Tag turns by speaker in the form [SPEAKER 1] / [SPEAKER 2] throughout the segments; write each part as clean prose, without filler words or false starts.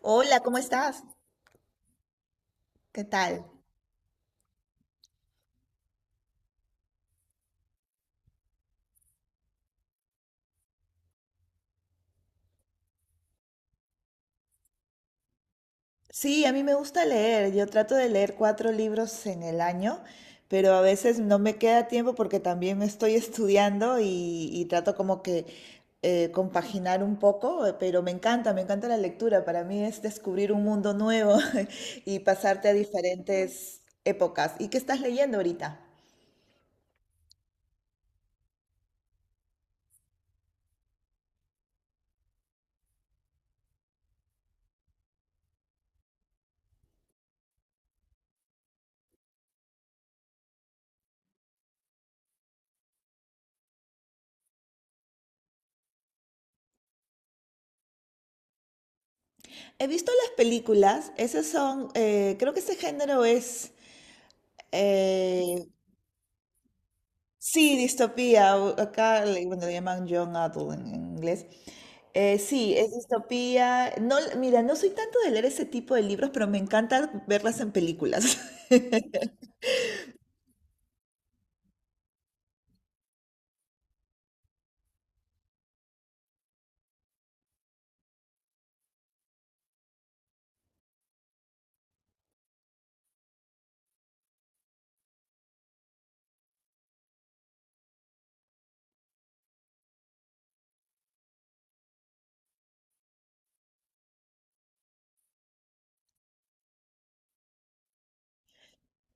[SPEAKER 1] Hola, ¿cómo estás? ¿Qué tal? Sí, a mí me gusta leer. Yo trato de leer cuatro libros en el año, pero a veces no me queda tiempo porque también estoy estudiando y trato como que compaginar un poco, pero me encanta la lectura. Para mí es descubrir un mundo nuevo y pasarte a diferentes épocas. ¿Y qué estás leyendo ahorita? He visto las películas, esas son, creo que ese género es... eh, Sí, distopía, acá le, bueno, le llaman young adult en inglés. Sí, es distopía. No, mira, no soy tanto de leer ese tipo de libros, pero me encanta verlas en películas.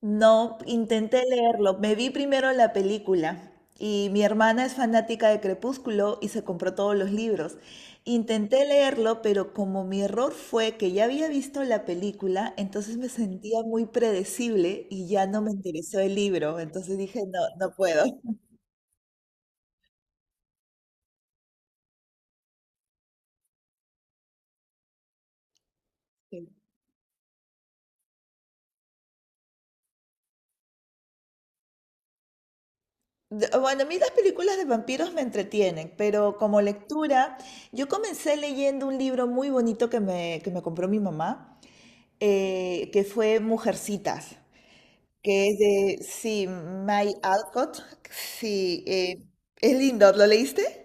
[SPEAKER 1] No, intenté leerlo. Me vi primero la película y mi hermana es fanática de Crepúsculo y se compró todos los libros. Intenté leerlo, pero como mi error fue que ya había visto la película, entonces me sentía muy predecible y ya no me interesó el libro. Entonces dije, no, no puedo. Sí. Bueno, a mí las películas de vampiros me entretienen, pero como lectura, yo comencé leyendo un libro muy bonito que me compró mi mamá, que fue Mujercitas, que es de, sí, May Alcott. Sí, es lindo, ¿lo leíste?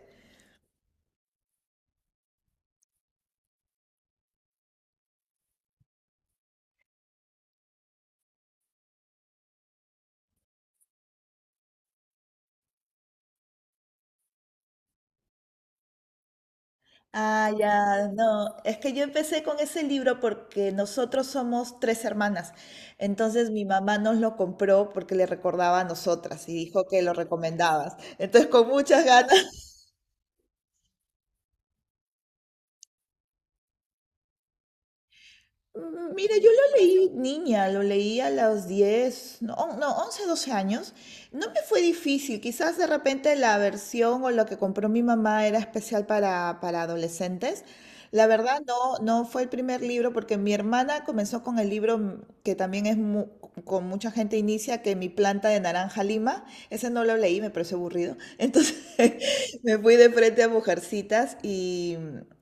[SPEAKER 1] Ah, ya, no, es que yo empecé con ese libro porque nosotros somos tres hermanas, entonces mi mamá nos lo compró porque le recordaba a nosotras y dijo que lo recomendabas, entonces con muchas ganas. Mira, yo lo leí niña, lo leí a los 10, no, no, 11, 12 años. No me fue difícil, quizás de repente la versión o lo que compró mi mamá era especial para adolescentes. La verdad no, no fue el primer libro porque mi hermana comenzó con el libro que también es con mucha gente inicia, que Mi planta de naranja lima. Ese no lo leí, me pareció aburrido. Entonces me fui de frente a Mujercitas, y,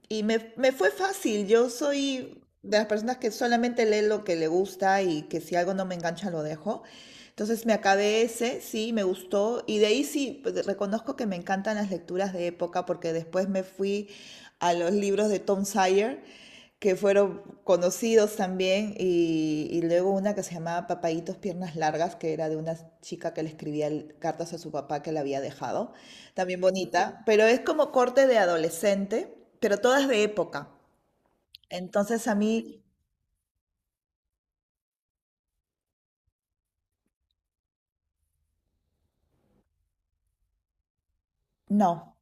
[SPEAKER 1] y me fue fácil. Yo soy de las personas que solamente lee lo que le gusta y que si algo no me engancha lo dejo. Entonces me acabé ese, sí, me gustó. Y de ahí sí, pues, reconozco que me encantan las lecturas de época porque después me fui a los libros de Tom Sawyer, que fueron conocidos también. Y luego una que se llamaba Papayitos Piernas Largas, que era de una chica que le escribía cartas a su papá que la había dejado, también bonita, pero es como corte de adolescente, pero todas de época. Entonces a mí no.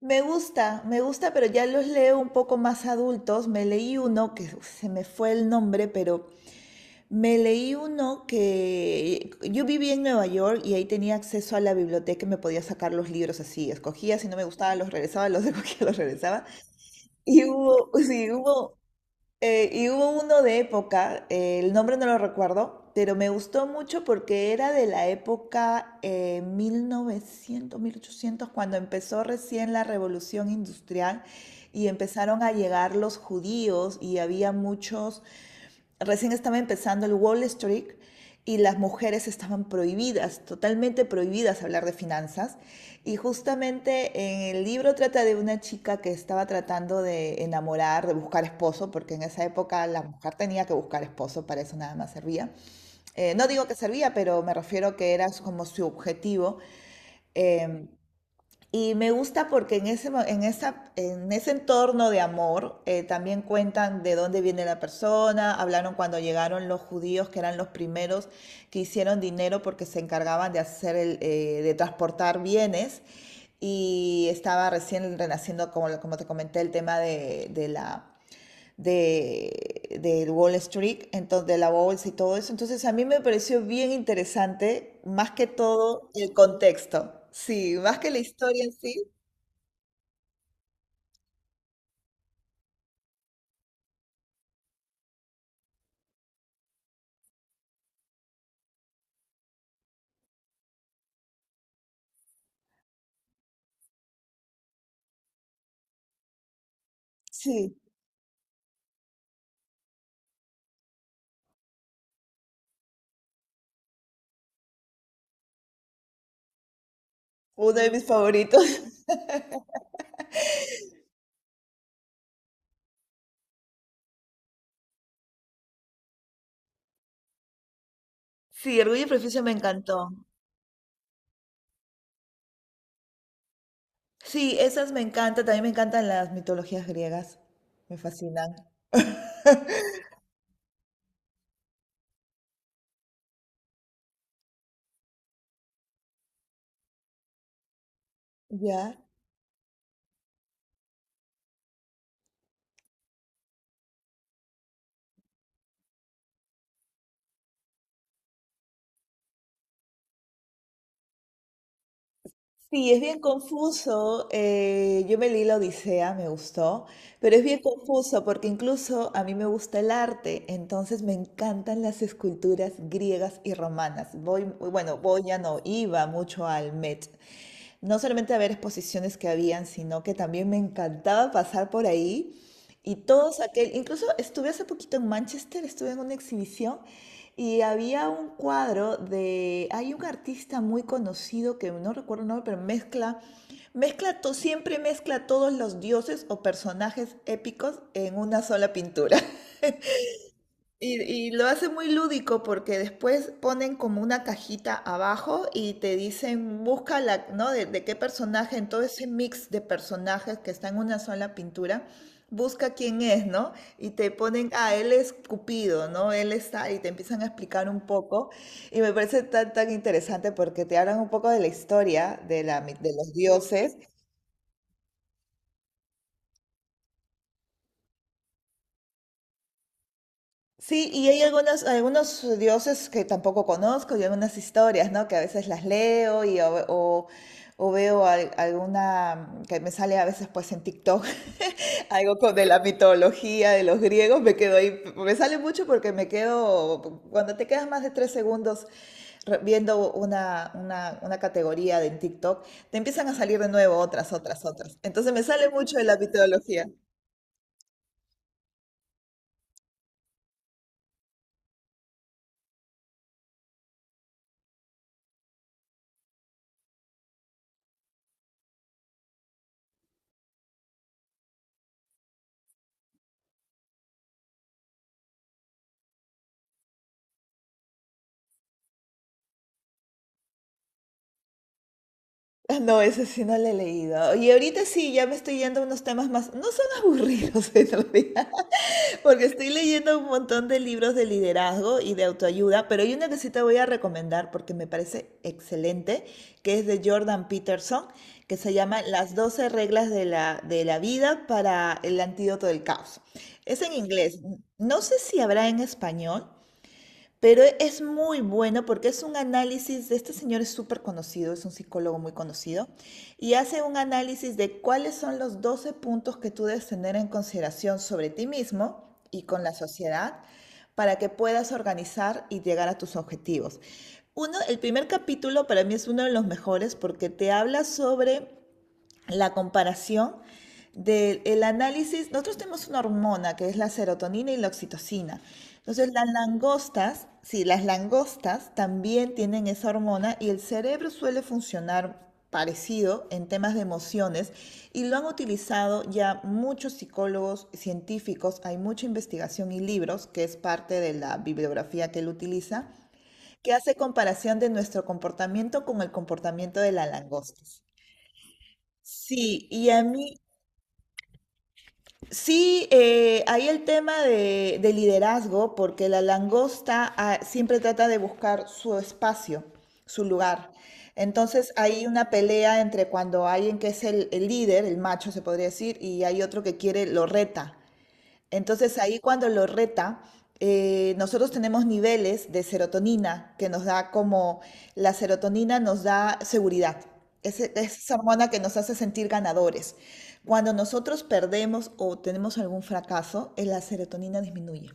[SPEAKER 1] Me gusta, pero ya los leo un poco más adultos. Me leí uno que uf, se me fue el nombre, pero me leí uno que yo vivía en Nueva York y ahí tenía acceso a la biblioteca y me podía sacar los libros así. Escogía, si no me gustaba, los regresaba, los escogía, los regresaba. Y hubo, sí, hubo, y hubo uno de época, el nombre no lo recuerdo, pero me gustó mucho porque era de la época 1900, mil ochocientos, cuando empezó recién la revolución industrial y empezaron a llegar los judíos y había muchos, recién estaba empezando el Wall Street y las mujeres estaban prohibidas, totalmente prohibidas hablar de finanzas. Y justamente en el libro trata de una chica que estaba tratando de enamorar, de buscar esposo, porque en esa época la mujer tenía que buscar esposo, para eso nada más servía. No digo que servía, pero me refiero que era como su objetivo. eh, y me gusta porque en ese entorno de amor también cuentan de dónde viene la persona, hablaron cuando llegaron los judíos, que eran los primeros que hicieron dinero porque se encargaban de hacer de transportar bienes. Y estaba recién renaciendo, como te comenté, el tema de Wall Street, entonces, de la bolsa y todo eso. Entonces a mí me pareció bien interesante, más que todo el contexto. Sí, más que la historia en sí. Sí, uno de mis favoritos. Sí, Orgullo y Prejuicio me encantó. Sí, esas me encantan, también me encantan las mitologías griegas, me fascinan. Ya. Sí, es bien confuso. Yo me leí la Odisea, me gustó, pero es bien confuso porque incluso a mí me gusta el arte, entonces me encantan las esculturas griegas y romanas. Voy, bueno, voy ya no, iba mucho al Met, no solamente a ver exposiciones que habían, sino que también me encantaba pasar por ahí y todos aquel, incluso estuve hace poquito en Manchester, estuve en una exhibición y había un cuadro de, hay un artista muy conocido que no recuerdo el nombre, pero siempre mezcla todos los dioses o personajes épicos en una sola pintura. Y lo hace muy lúdico porque después ponen como una cajita abajo y te dicen, busca la, ¿no? De qué personaje, en todo ese mix de personajes que está en una sola pintura, busca quién es, ¿no? Y te ponen, ah, él es Cupido, ¿no? Él está, y te empiezan a explicar un poco. Y me parece tan, tan interesante porque te hablan un poco de la historia de los dioses. Sí, y hay algunos dioses que tampoco conozco y algunas historias, ¿no? Que a veces las leo y o veo alguna que me sale a veces pues en TikTok, algo con de la mitología de los griegos, me quedo ahí, me sale mucho porque me quedo, cuando te quedas más de tres segundos viendo una categoría de en TikTok, te empiezan a salir de nuevo otras, otras, otras. Entonces me sale mucho de la mitología. No, ese sí no lo he leído. Y ahorita sí, ya me estoy yendo a unos temas más, no son aburridos en realidad, porque estoy leyendo un montón de libros de liderazgo y de autoayuda, pero hay uno que sí te voy a recomendar porque me parece excelente, que es de Jordan Peterson, que se llama Las doce reglas de la, vida para el antídoto del caos. Es en inglés. No sé si habrá en español, pero es muy bueno porque es un análisis de este señor, es súper conocido, es un psicólogo muy conocido, y hace un análisis de cuáles son los 12 puntos que tú debes tener en consideración sobre ti mismo y con la sociedad para que puedas organizar y llegar a tus objetivos. Uno, el primer capítulo para mí es uno de los mejores porque te habla sobre la comparación del análisis. Nosotros tenemos una hormona que es la serotonina y la oxitocina. Entonces, las langostas, sí, las langostas también tienen esa hormona y el cerebro suele funcionar parecido en temas de emociones y lo han utilizado ya muchos psicólogos científicos, hay mucha investigación y libros, que es parte de la bibliografía que él utiliza, que hace comparación de nuestro comportamiento con el comportamiento de las langostas. Sí, y a mí sí, hay el tema de liderazgo, porque la langosta siempre trata de buscar su espacio, su lugar. Entonces hay una pelea entre cuando alguien que es el líder, el macho se podría decir, y hay otro que quiere, lo reta. Entonces ahí cuando lo reta, nosotros tenemos niveles de serotonina que nos da como, la serotonina nos da seguridad. Es esa hormona que nos hace sentir ganadores. Cuando nosotros perdemos o tenemos algún fracaso, la serotonina disminuye.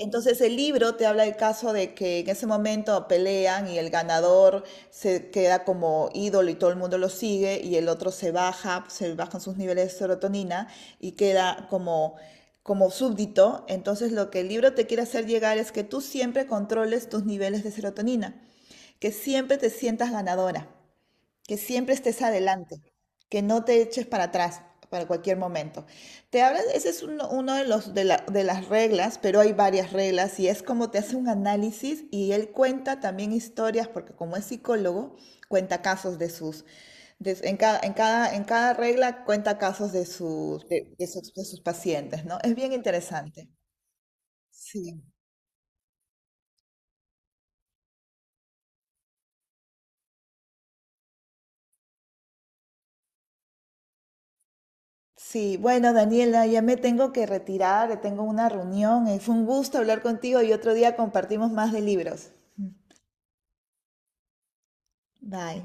[SPEAKER 1] Entonces el libro te habla del caso de que en ese momento pelean y el ganador se queda como ídolo y todo el mundo lo sigue y el otro se baja, se bajan sus niveles de serotonina y queda como súbdito. Entonces lo que el libro te quiere hacer llegar es que tú siempre controles tus niveles de serotonina, que siempre te sientas ganadora, que siempre estés adelante, que no te eches para atrás para cualquier momento. Te hablas, ese es uno, uno de, los, de, la- de las reglas, pero hay varias reglas y es como te hace un análisis y él cuenta también historias, porque como es psicólogo, cuenta casos de sus, en cada regla cuenta casos de sus pacientes, ¿no? Es bien interesante. Sí. Sí, bueno, Daniela, ya me tengo que retirar, tengo una reunión. Fue un gusto hablar contigo y otro día compartimos más de libros. Bye.